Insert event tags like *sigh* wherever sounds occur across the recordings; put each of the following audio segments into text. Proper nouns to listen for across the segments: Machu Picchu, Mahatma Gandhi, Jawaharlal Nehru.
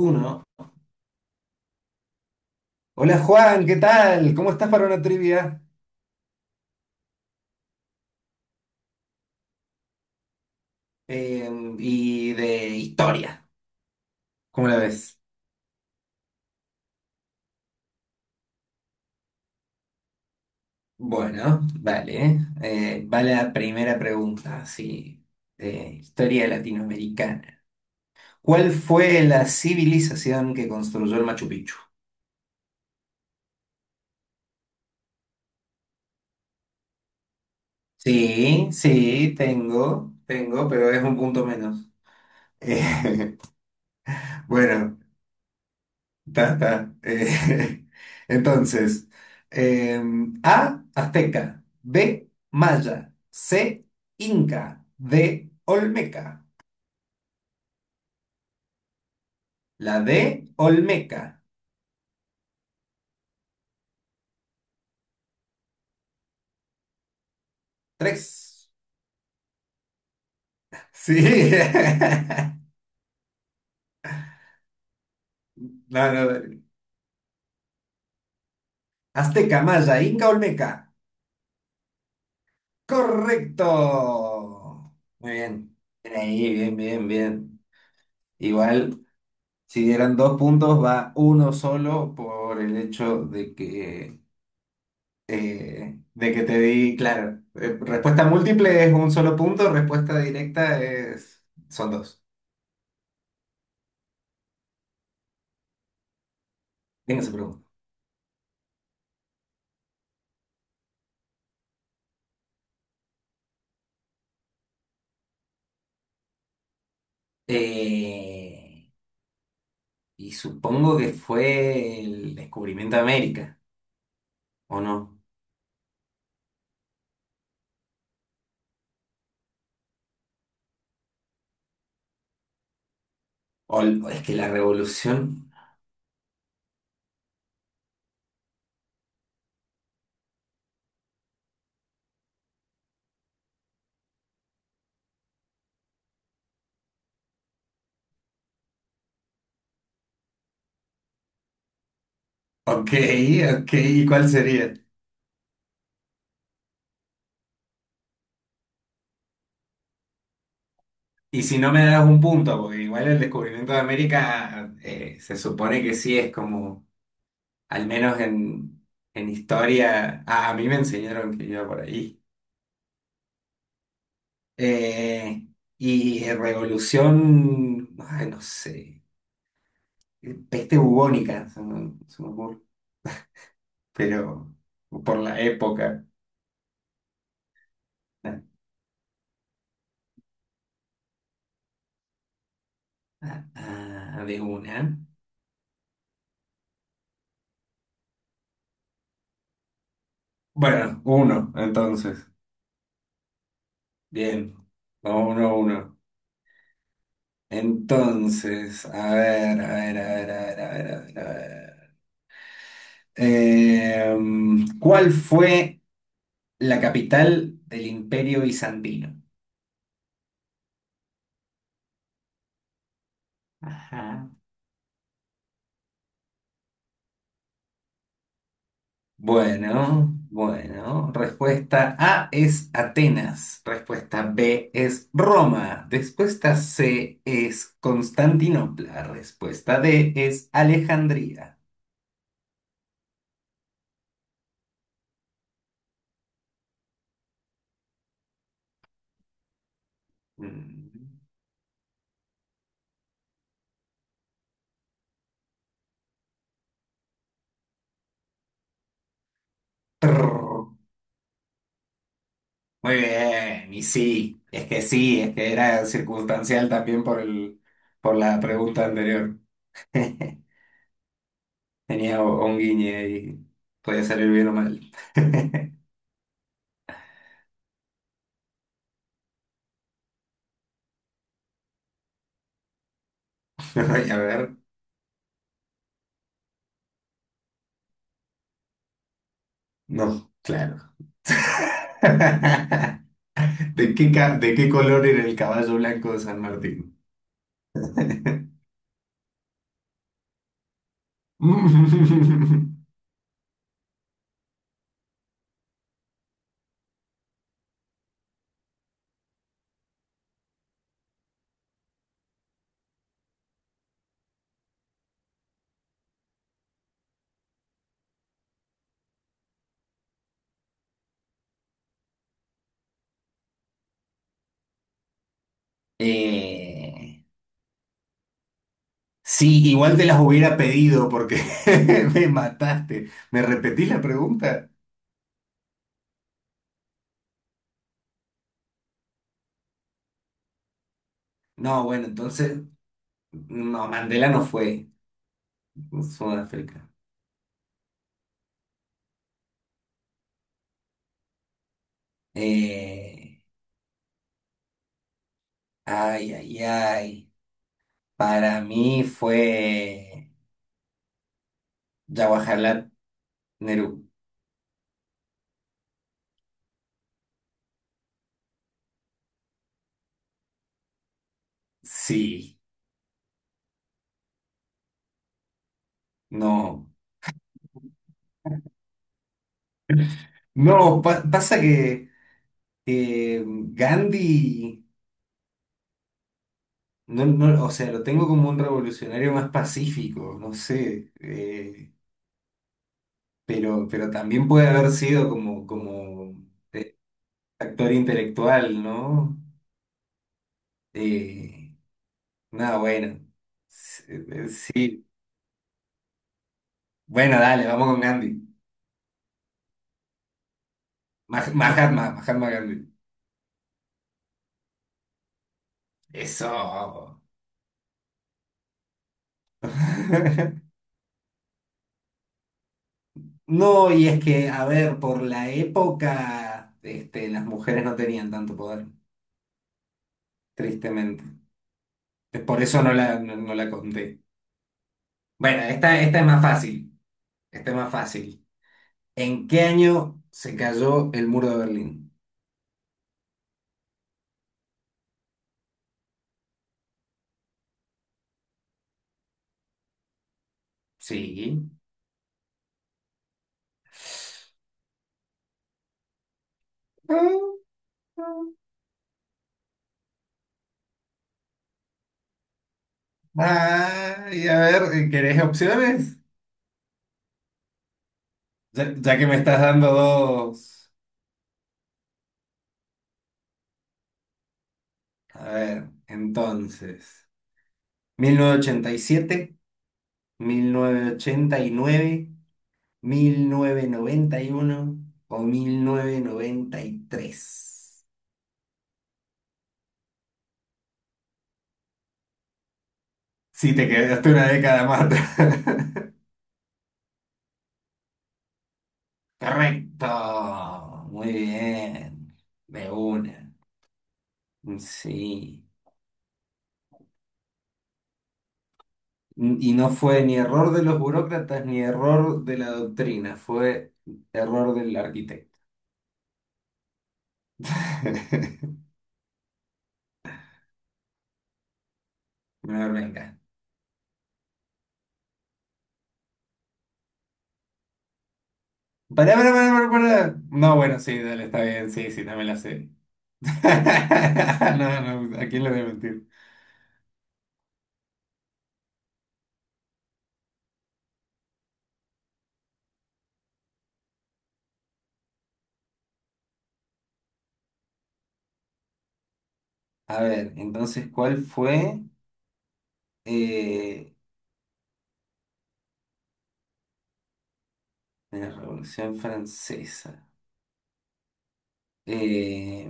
Uno. Hola Juan, ¿qué tal? ¿Cómo estás para una trivia? Eh, y de historia, ¿cómo la ves? Bueno, vale. Va la primera pregunta, sí, de historia latinoamericana. ¿Cuál fue la civilización que construyó el Machu Picchu? Sí, sí, tengo, tengo, pero es un punto menos. *laughs* Eh, bueno, ta, ta. *laughs* Entonces, A, azteca, B, maya, C, inca, D, olmeca. La D, olmeca. Tres. Sí. *laughs* No, no, dale. Azteca, maya, inca, olmeca. Correcto. Muy bien. Bien ahí, bien, bien, bien. Igual, si dieran dos puntos, va uno solo por el hecho de que te di, claro, respuesta múltiple es un solo punto, respuesta directa es, son dos. Venga, se pregunta. Eh, y supongo que fue el descubrimiento de América, ¿o no? O es que la revolución. Ok, ok, ¿y cuál sería? Y si no me das un punto, porque igual el descubrimiento de América, se supone que sí es como, al menos en historia, a mí me enseñaron que iba por ahí. Eh, y revolución, ay, no sé, peste bubónica, se me ocurre, pero por la época. Ah, de una. Bueno, uno, entonces. Bien, vamos uno a uno. Entonces, a ver, a ver, a ver, a ver, a ver, a ver. A ver. ¿Cuál fue la capital del Imperio Bizantino? Ajá. Bueno, bueno. Respuesta A es Atenas. Respuesta B es Roma. Respuesta C es Constantinopla. Respuesta D es Alejandría. Mm, prr. Muy bien, y sí, es que era circunstancial también por la pregunta anterior. *laughs* Tenía un guiño y podía salir bien o mal. *laughs* A ver, no, claro. *laughs* ¿De qué color era el caballo blanco de San Martín? *laughs* Eh, sí, igual te las hubiera pedido porque *laughs* me mataste. ¿Me repetís la pregunta? No, bueno, entonces, no, Mandela no fue Sudáfrica. Eh, Ay, ay, ay. Para mí fue Jawaharlal Nehru. Sí, no. No, pasa que eh, Gandhi. No, no, o sea, lo tengo como un revolucionario más pacífico, no sé, pero también puede haber sido como actor intelectual, ¿no? Eh, Nada, bueno, sí, bueno, dale, vamos con Gandhi. Mahatma Gandhi. Eso. *laughs* No, y es que, a ver, por la época, este, las mujeres no tenían tanto poder, tristemente. Por eso no la conté. Bueno, esta es más fácil. Esta es más fácil. ¿En qué año se cayó el muro de Berlín? Sí. Ay, a ver, ¿querés opciones? Ya, ya que me estás dando dos. A ver, entonces. Mil novecientos novecientos ochenta y siete, nueve, 1991 o 1993. Sí, te quedaste una década más atrás. Correcto, muy bien, de una. Mm, sí. Mm. Y no fue ni error de los burócratas ni error de la doctrina, fue error del arquitecto. *laughs* Me venga. Pará, pará, pará, pará, pará. No, bueno, sí, dale, está bien, sí, sí, no la sé. *laughs* No, no, ¿a quién le voy a mentir? A ver, entonces, ¿cuál fue eh, la Revolución Francesa? Eh,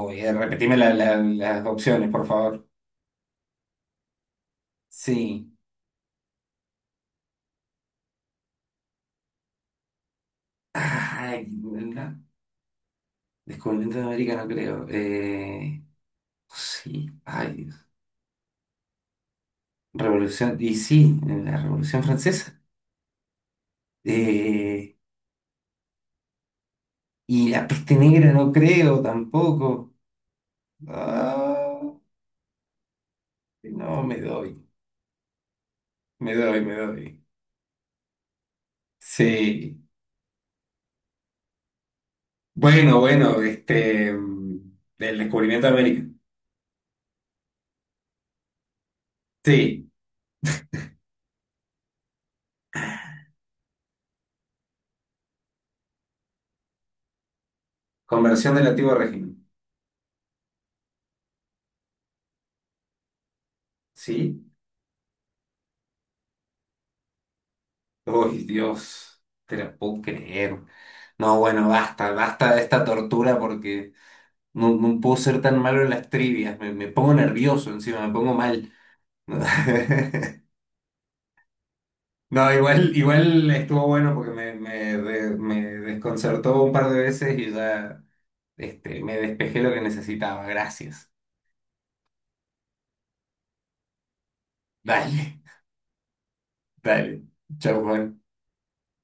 Uy, repetime las opciones, por favor. Sí. Ay, ¿verdad? Descubrimiento de América no creo. Sí, ay, Dios. Revolución, y sí, la Revolución Francesa. Eh, y la peste negra no creo tampoco. Ah, no, me doy, me doy, me doy. Sí. Bueno, bueno, este, del descubrimiento de América. Sí, conversión del antiguo régimen. Sí. Uy, Dios, te lo puedo creer. No, bueno, basta, basta de esta tortura porque no, no puedo ser tan malo en las trivias. Me pongo nervioso encima, me pongo mal. *laughs* No, igual estuvo bueno porque me desconcertó un par de veces y ya este, me despejé lo que necesitaba. Gracias. Dale, *laughs* dale. Chau, Juan.